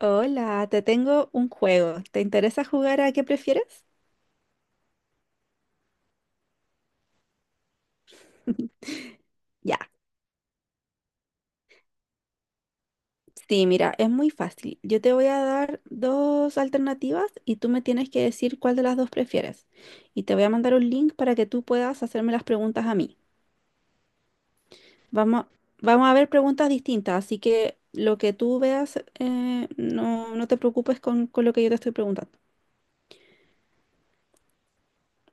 Hola, te tengo un juego. ¿Te interesa jugar a qué prefieres? Ya. Sí, mira, es muy fácil. Yo te voy a dar dos alternativas y tú me tienes que decir cuál de las dos prefieres. Y te voy a mandar un link para que tú puedas hacerme las preguntas a mí. Vamos, vamos a ver preguntas distintas, así que lo que tú veas, no, no te preocupes con lo que yo te estoy preguntando.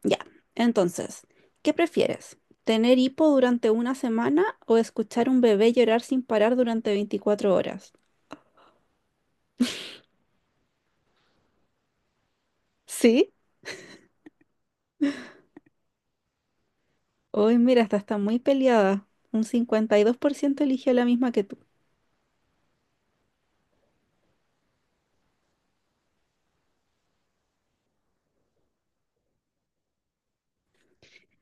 Ya, entonces, ¿qué prefieres? ¿Tener hipo durante una semana o escuchar un bebé llorar sin parar durante 24 horas? Sí. Hoy, mira, esta está muy peleada. Un 52% eligió la misma que tú.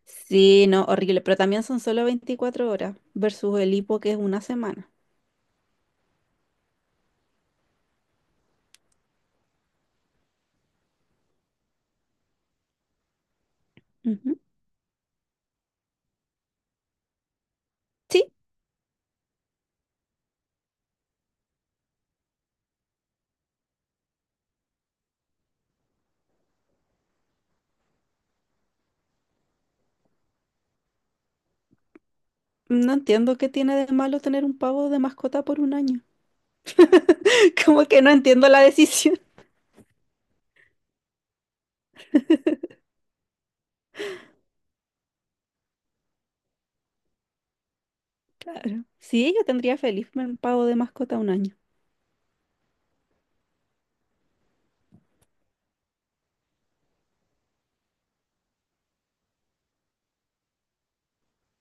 Sí, no, horrible, pero también son solo 24 horas versus el hipo que es una semana. Ujú. Sí, no entiendo qué tiene de malo tener un pavo de mascota por un año. Como que no entiendo la decisión. Claro. Sí, yo tendría feliz un pavo de mascota un año.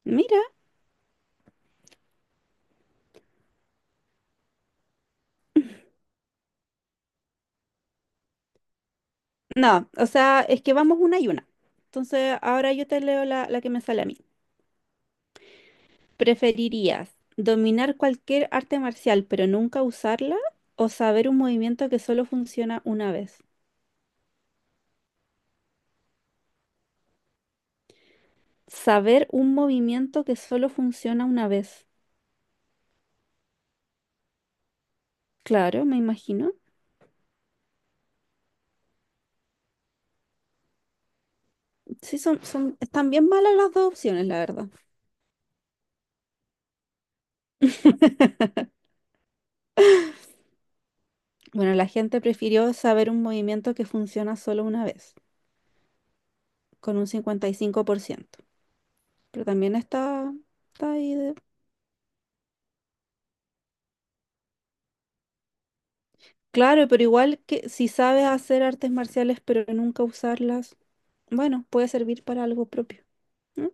Mira. No, o sea, es que vamos una y una. Entonces, ahora yo te leo la que me sale a mí. ¿Preferirías dominar cualquier arte marcial pero nunca usarla o saber un movimiento que solo funciona una vez? Saber un movimiento que solo funciona una vez. Claro, me imagino. Sí, están bien malas las dos opciones, la verdad. Bueno, la gente prefirió saber un movimiento que funciona solo una vez, con un 55%. Pero también está ahí. Claro, pero igual que si sabes hacer artes marciales pero nunca usarlas, bueno, puede servir para algo propio, ¿no?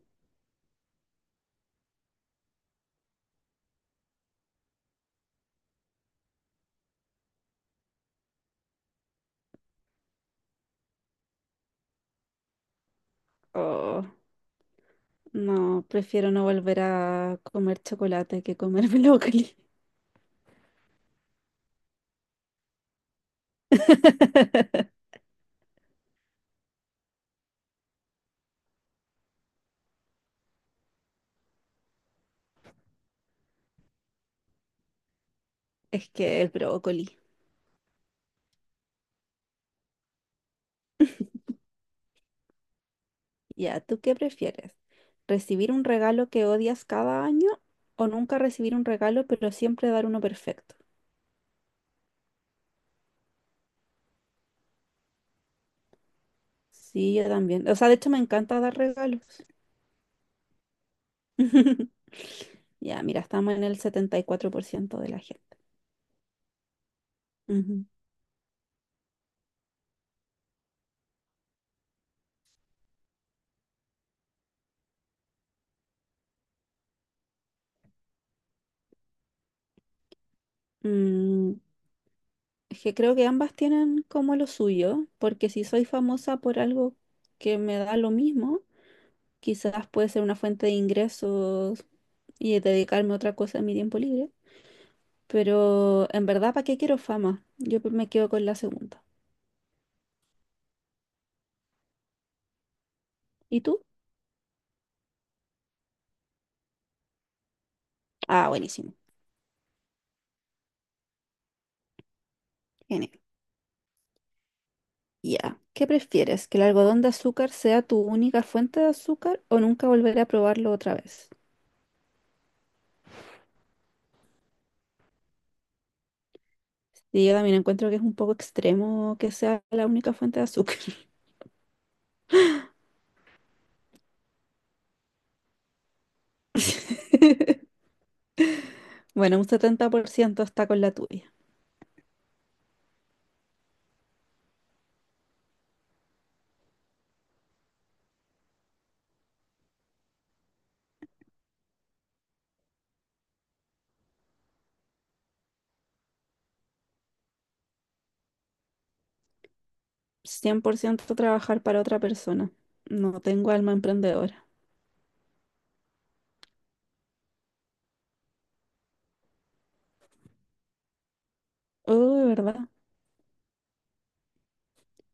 Oh, no, prefiero no volver a comer chocolate que comer brócoli. Es que el brócoli. Ya, ¿tú qué prefieres? ¿Recibir un regalo que odias cada año o nunca recibir un regalo pero siempre dar uno perfecto? Sí, yo también. O sea, de hecho me encanta dar regalos. Ya, mira, estamos en el 74% de la gente. Ujú. Mm, es que creo que ambas tienen como lo suyo, porque si soy famosa por algo que me da lo mismo, quizás puede ser una fuente de ingresos y dedicarme a otra cosa en mi tiempo libre. Pero en verdad, ¿para qué quiero fama? Yo me quedo con la segunda. ¿Y tú? Ah, buenísimo. Genial. Ya. ¿Qué prefieres? ¿Que el algodón de azúcar sea tu única fuente de azúcar o nunca volver a probarlo otra vez? Y yo también encuentro que es un poco extremo que sea la única fuente de azúcar. Bueno, un 70% está con la tuya. 100% trabajar para otra persona. No tengo alma emprendedora. Oh, ¿verdad?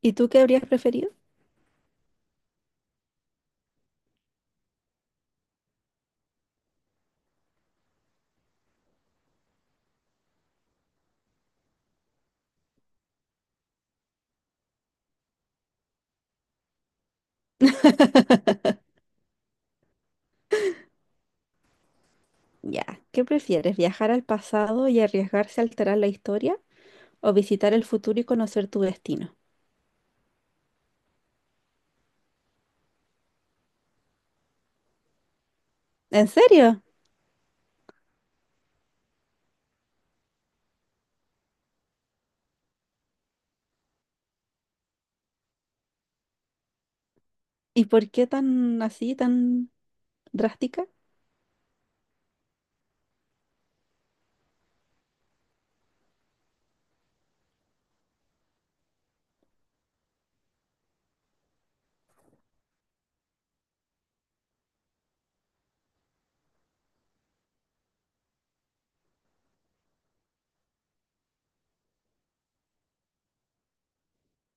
¿Y tú qué habrías preferido? Ya, ¿qué prefieres? ¿Viajar al pasado y arriesgarse a alterar la historia o visitar el futuro y conocer tu destino? ¿En serio? ¿Y por qué tan así, tan drástica?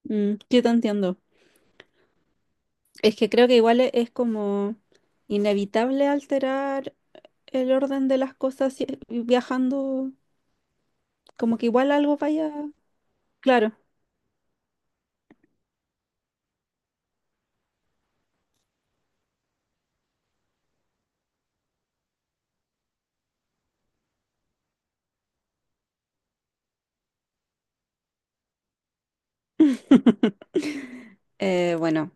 Mm, yo te entiendo. Es que creo que igual es como inevitable alterar el orden de las cosas viajando, como que igual algo vaya, claro. Bueno,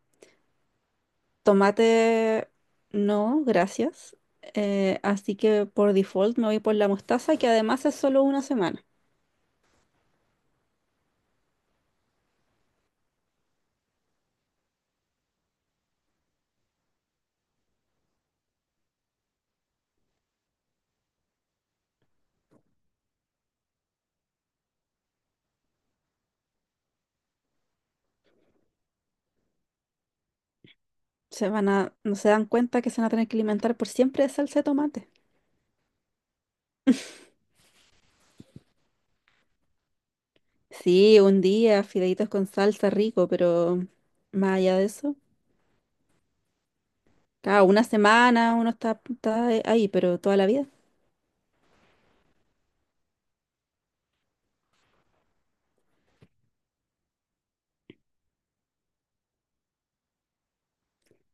tomate no, gracias. Así que por default me voy por la mostaza, que además es solo una semana. Se van a, no se dan cuenta que se van a tener que alimentar por siempre de salsa de tomate. Sí, un día, fideitos con salsa rico, pero más allá de eso. Claro, una semana uno está, está ahí, pero toda la vida.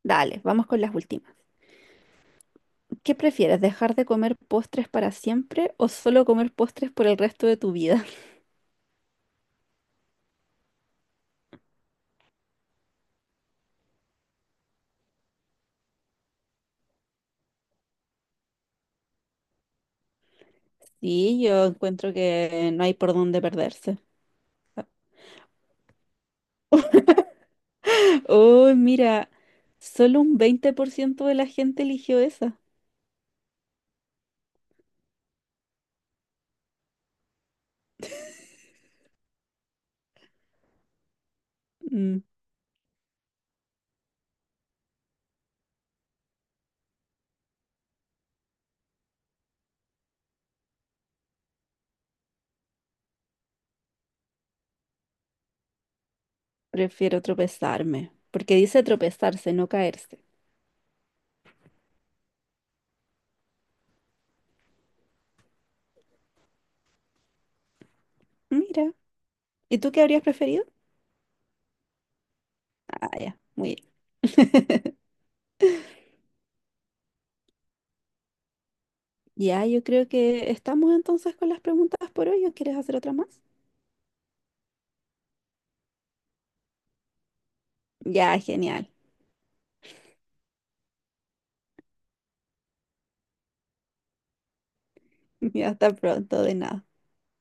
Dale, vamos con las últimas. ¿Qué prefieres, dejar de comer postres para siempre o solo comer postres por el resto de tu vida? Sí, yo encuentro que no hay por dónde perderse. Oh, mira, solo un 20% de la gente eligió esa. Mm, prefiero tropezarme, porque dice tropezarse, no caerse. Mira, ¿y tú qué habrías preferido? Ah, ya, muy bien. Ya, yo creo que estamos entonces con las preguntas por hoy. ¿O quieres hacer otra más? Ya, genial. Ya, hasta pronto, de nada.